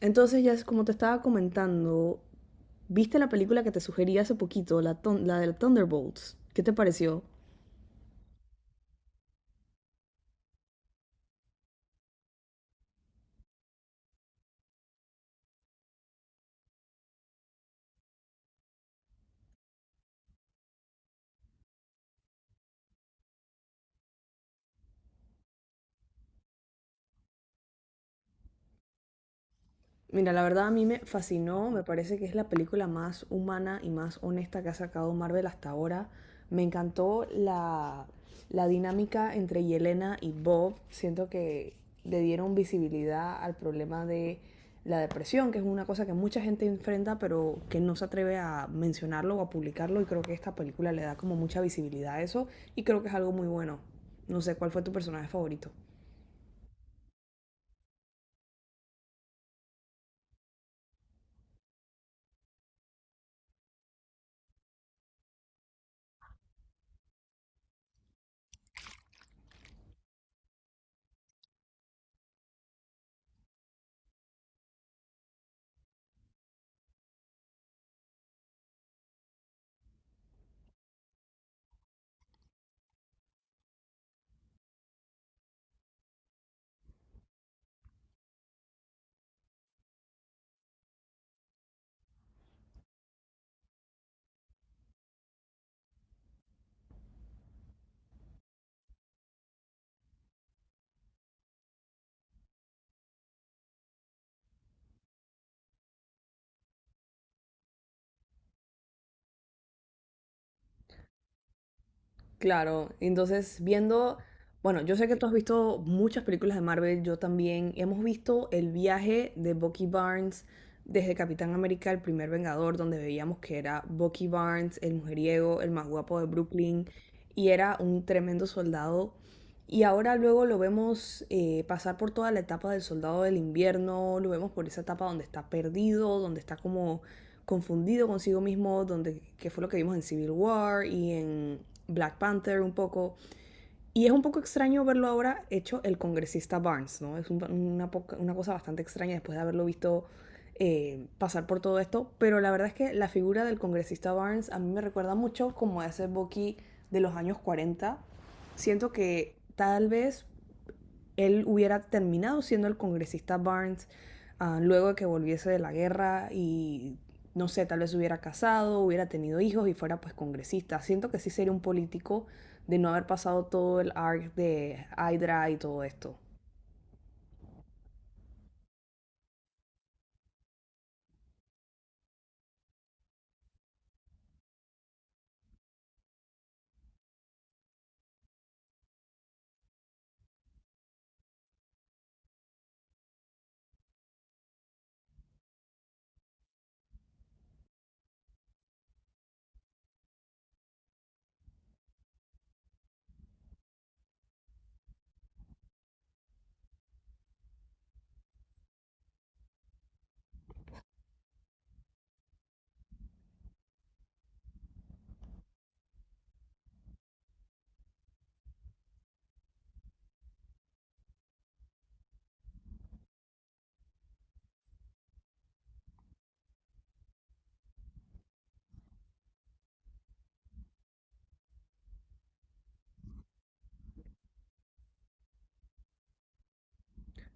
Entonces, ya es como te estaba comentando, ¿viste la película que te sugerí hace poquito, la de Thunderbolts? ¿Qué te pareció? Mira, la verdad a mí me fascinó, me parece que es la película más humana y más honesta que ha sacado Marvel hasta ahora. Me encantó la dinámica entre Yelena y Bob. Siento que le dieron visibilidad al problema de la depresión, que es una cosa que mucha gente enfrenta, pero que no se atreve a mencionarlo o a publicarlo. Y creo que esta película le da como mucha visibilidad a eso y creo que es algo muy bueno. No sé, ¿cuál fue tu personaje favorito? Claro, entonces viendo, bueno, yo sé que tú has visto muchas películas de Marvel, yo también. Hemos visto el viaje de Bucky Barnes desde Capitán América, el primer Vengador, donde veíamos que era Bucky Barnes, el mujeriego, el más guapo de Brooklyn, y era un tremendo soldado. Y ahora luego lo vemos pasar por toda la etapa del soldado del invierno, lo vemos por esa etapa donde está perdido, donde está como confundido consigo mismo, donde, que fue lo que vimos en Civil War y en Black Panther un poco. Y es un poco extraño verlo ahora hecho el congresista Barnes, ¿no? Es una cosa bastante extraña después de haberlo visto pasar por todo esto, pero la verdad es que la figura del congresista Barnes a mí me recuerda mucho como a ese Bucky de los años cuarenta. Siento que tal vez él hubiera terminado siendo el congresista Barnes luego de que volviese de la guerra y no sé, tal vez hubiera casado, hubiera tenido hijos y fuera pues congresista. Siento que sí sería un político de no haber pasado todo el arc de Hydra y todo esto.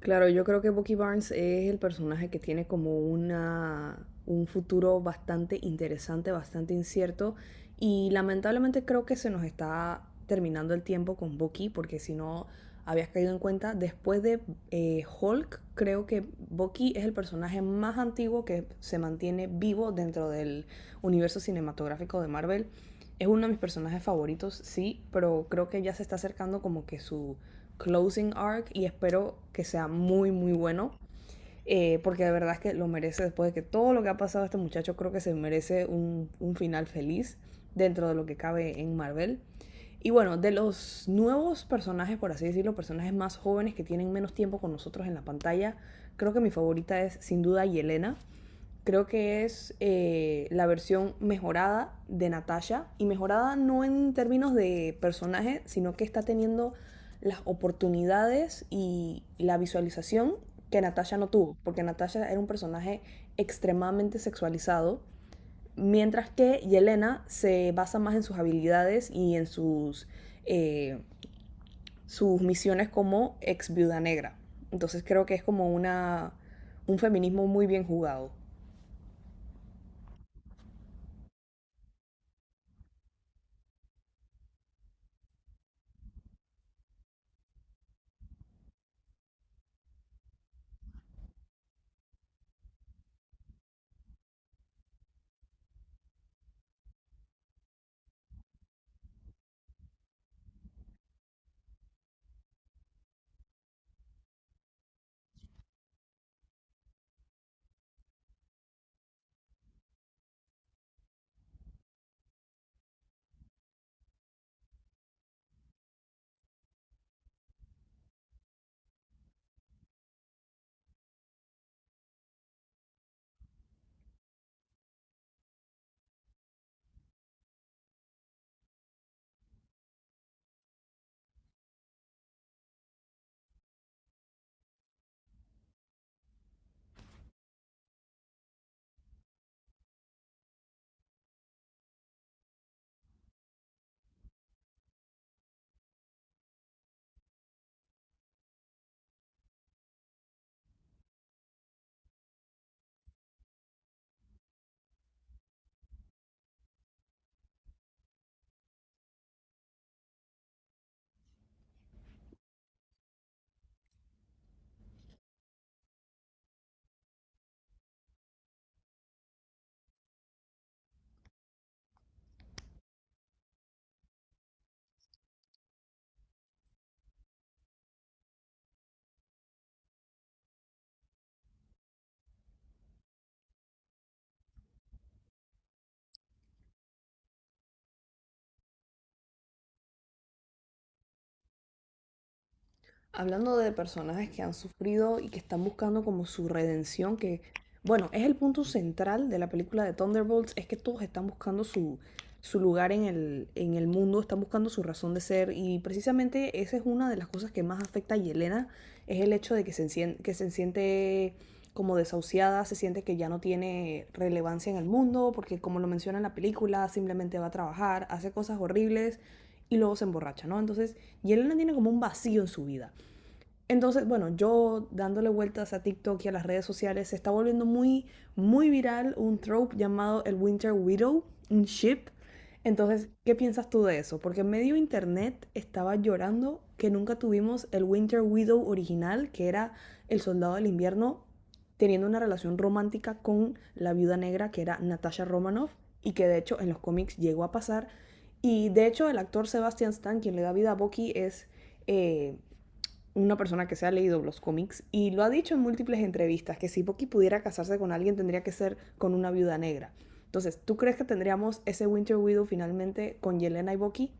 Claro, yo creo que Bucky Barnes es el personaje que tiene como un futuro bastante interesante, bastante incierto. Y lamentablemente creo que se nos está terminando el tiempo con Bucky, porque si no habías caído en cuenta, después de Hulk, creo que Bucky es el personaje más antiguo que se mantiene vivo dentro del universo cinematográfico de Marvel. Es uno de mis personajes favoritos, sí, pero creo que ya se está acercando como que su closing arc y espero que sea muy, muy bueno. Porque de verdad es que lo merece después de que todo lo que ha pasado a este muchacho, creo que se merece un final feliz dentro de lo que cabe en Marvel. Y bueno, de los nuevos personajes, por así decirlo, personajes más jóvenes que tienen menos tiempo con nosotros en la pantalla, creo que mi favorita es sin duda Yelena. Creo que es la versión mejorada de Natasha. Y mejorada no en términos de personaje, sino que está teniendo las oportunidades y la visualización que Natasha no tuvo. Porque Natasha era un personaje extremadamente sexualizado. Mientras que Yelena se basa más en sus habilidades y en eh, sus misiones como ex viuda negra. Entonces creo que es como un feminismo muy bien jugado. Hablando de personajes que han sufrido y que están buscando como su redención, que bueno, es el punto central de la película de Thunderbolts, es que todos están buscando su lugar en en el mundo, están buscando su razón de ser y precisamente esa es una de las cosas que más afecta a Yelena, es el hecho de que que se siente como desahuciada, se siente que ya no tiene relevancia en el mundo, porque como lo menciona en la película, simplemente va a trabajar, hace cosas horribles y luego se emborracha, ¿no? Entonces, Yelena tiene como un vacío en su vida. Entonces, bueno, yo dándole vueltas a TikTok y a las redes sociales, se está volviendo muy viral un trope llamado el Winter Widow, un ship. Entonces, ¿qué piensas tú de eso? Porque medio internet estaba llorando que nunca tuvimos el Winter Widow original, que era el soldado del invierno teniendo una relación romántica con la viuda negra, que era Natasha Romanoff, y que de hecho en los cómics llegó a pasar. Y de hecho el actor Sebastian Stan, quien le da vida a Bucky, es... eh, una persona que se ha leído los cómics y lo ha dicho en múltiples entrevistas, que si Bucky pudiera casarse con alguien tendría que ser con una viuda negra. Entonces, ¿tú crees que tendríamos ese Winter Widow finalmente con Yelena y Bucky?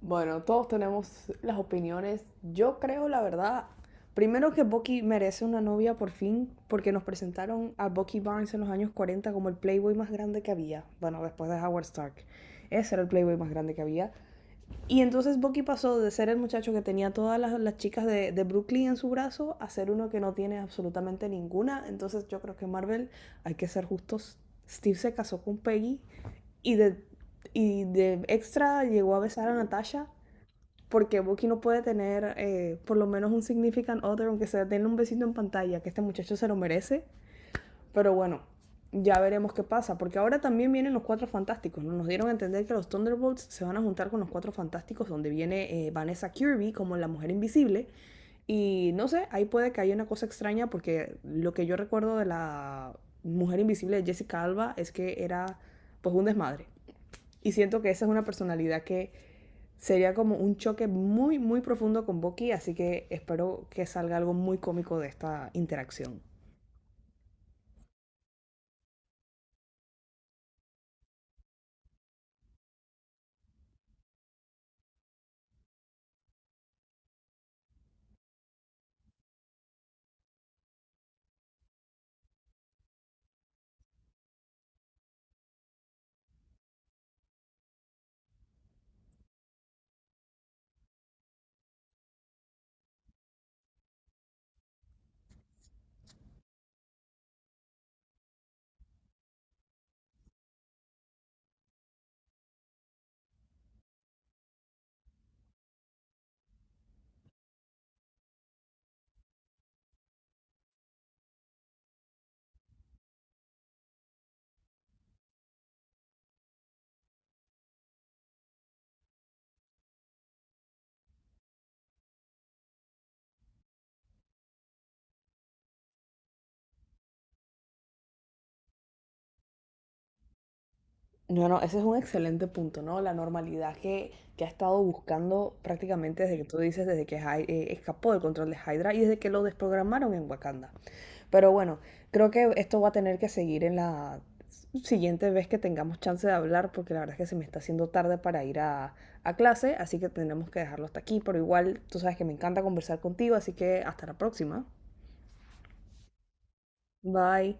Bueno, todos tenemos las opiniones. Yo creo, la verdad, primero que Bucky merece una novia por fin, porque nos presentaron a Bucky Barnes en los años 40 como el playboy más grande que había. Bueno, después de Howard Stark. Ese era el playboy más grande que había. Y entonces Bucky pasó de ser el muchacho que tenía todas las chicas Brooklyn en su brazo a ser uno que no tiene absolutamente ninguna. Entonces yo creo que Marvel, hay que ser justos, Steve se casó con Peggy y de, y de extra llegó a besar a Natasha porque Bucky no puede tener por lo menos un significant other, aunque sea tener un besito en pantalla, que este muchacho se lo merece. Pero bueno, ya veremos qué pasa, porque ahora también vienen los Cuatro Fantásticos, ¿no? Nos dieron a entender que los Thunderbolts se van a juntar con los Cuatro Fantásticos, donde viene Vanessa Kirby como la Mujer Invisible. Y no sé, ahí puede que haya una cosa extraña, porque lo que yo recuerdo de la Mujer Invisible de Jessica Alba es que era pues un desmadre. Y siento que esa es una personalidad que sería como un choque muy profundo con Bucky, así que espero que salga algo muy cómico de esta interacción. No, no, ese es un excelente punto, ¿no? La normalidad que ha estado buscando prácticamente desde que tú dices, desde que escapó del control de Hydra y desde que lo desprogramaron en Wakanda. Pero bueno, creo que esto va a tener que seguir en la siguiente vez que tengamos chance de hablar, porque la verdad es que se me está haciendo tarde para ir a clase, así que tendremos que dejarlo hasta aquí, pero igual tú sabes que me encanta conversar contigo, así que hasta la próxima. Bye.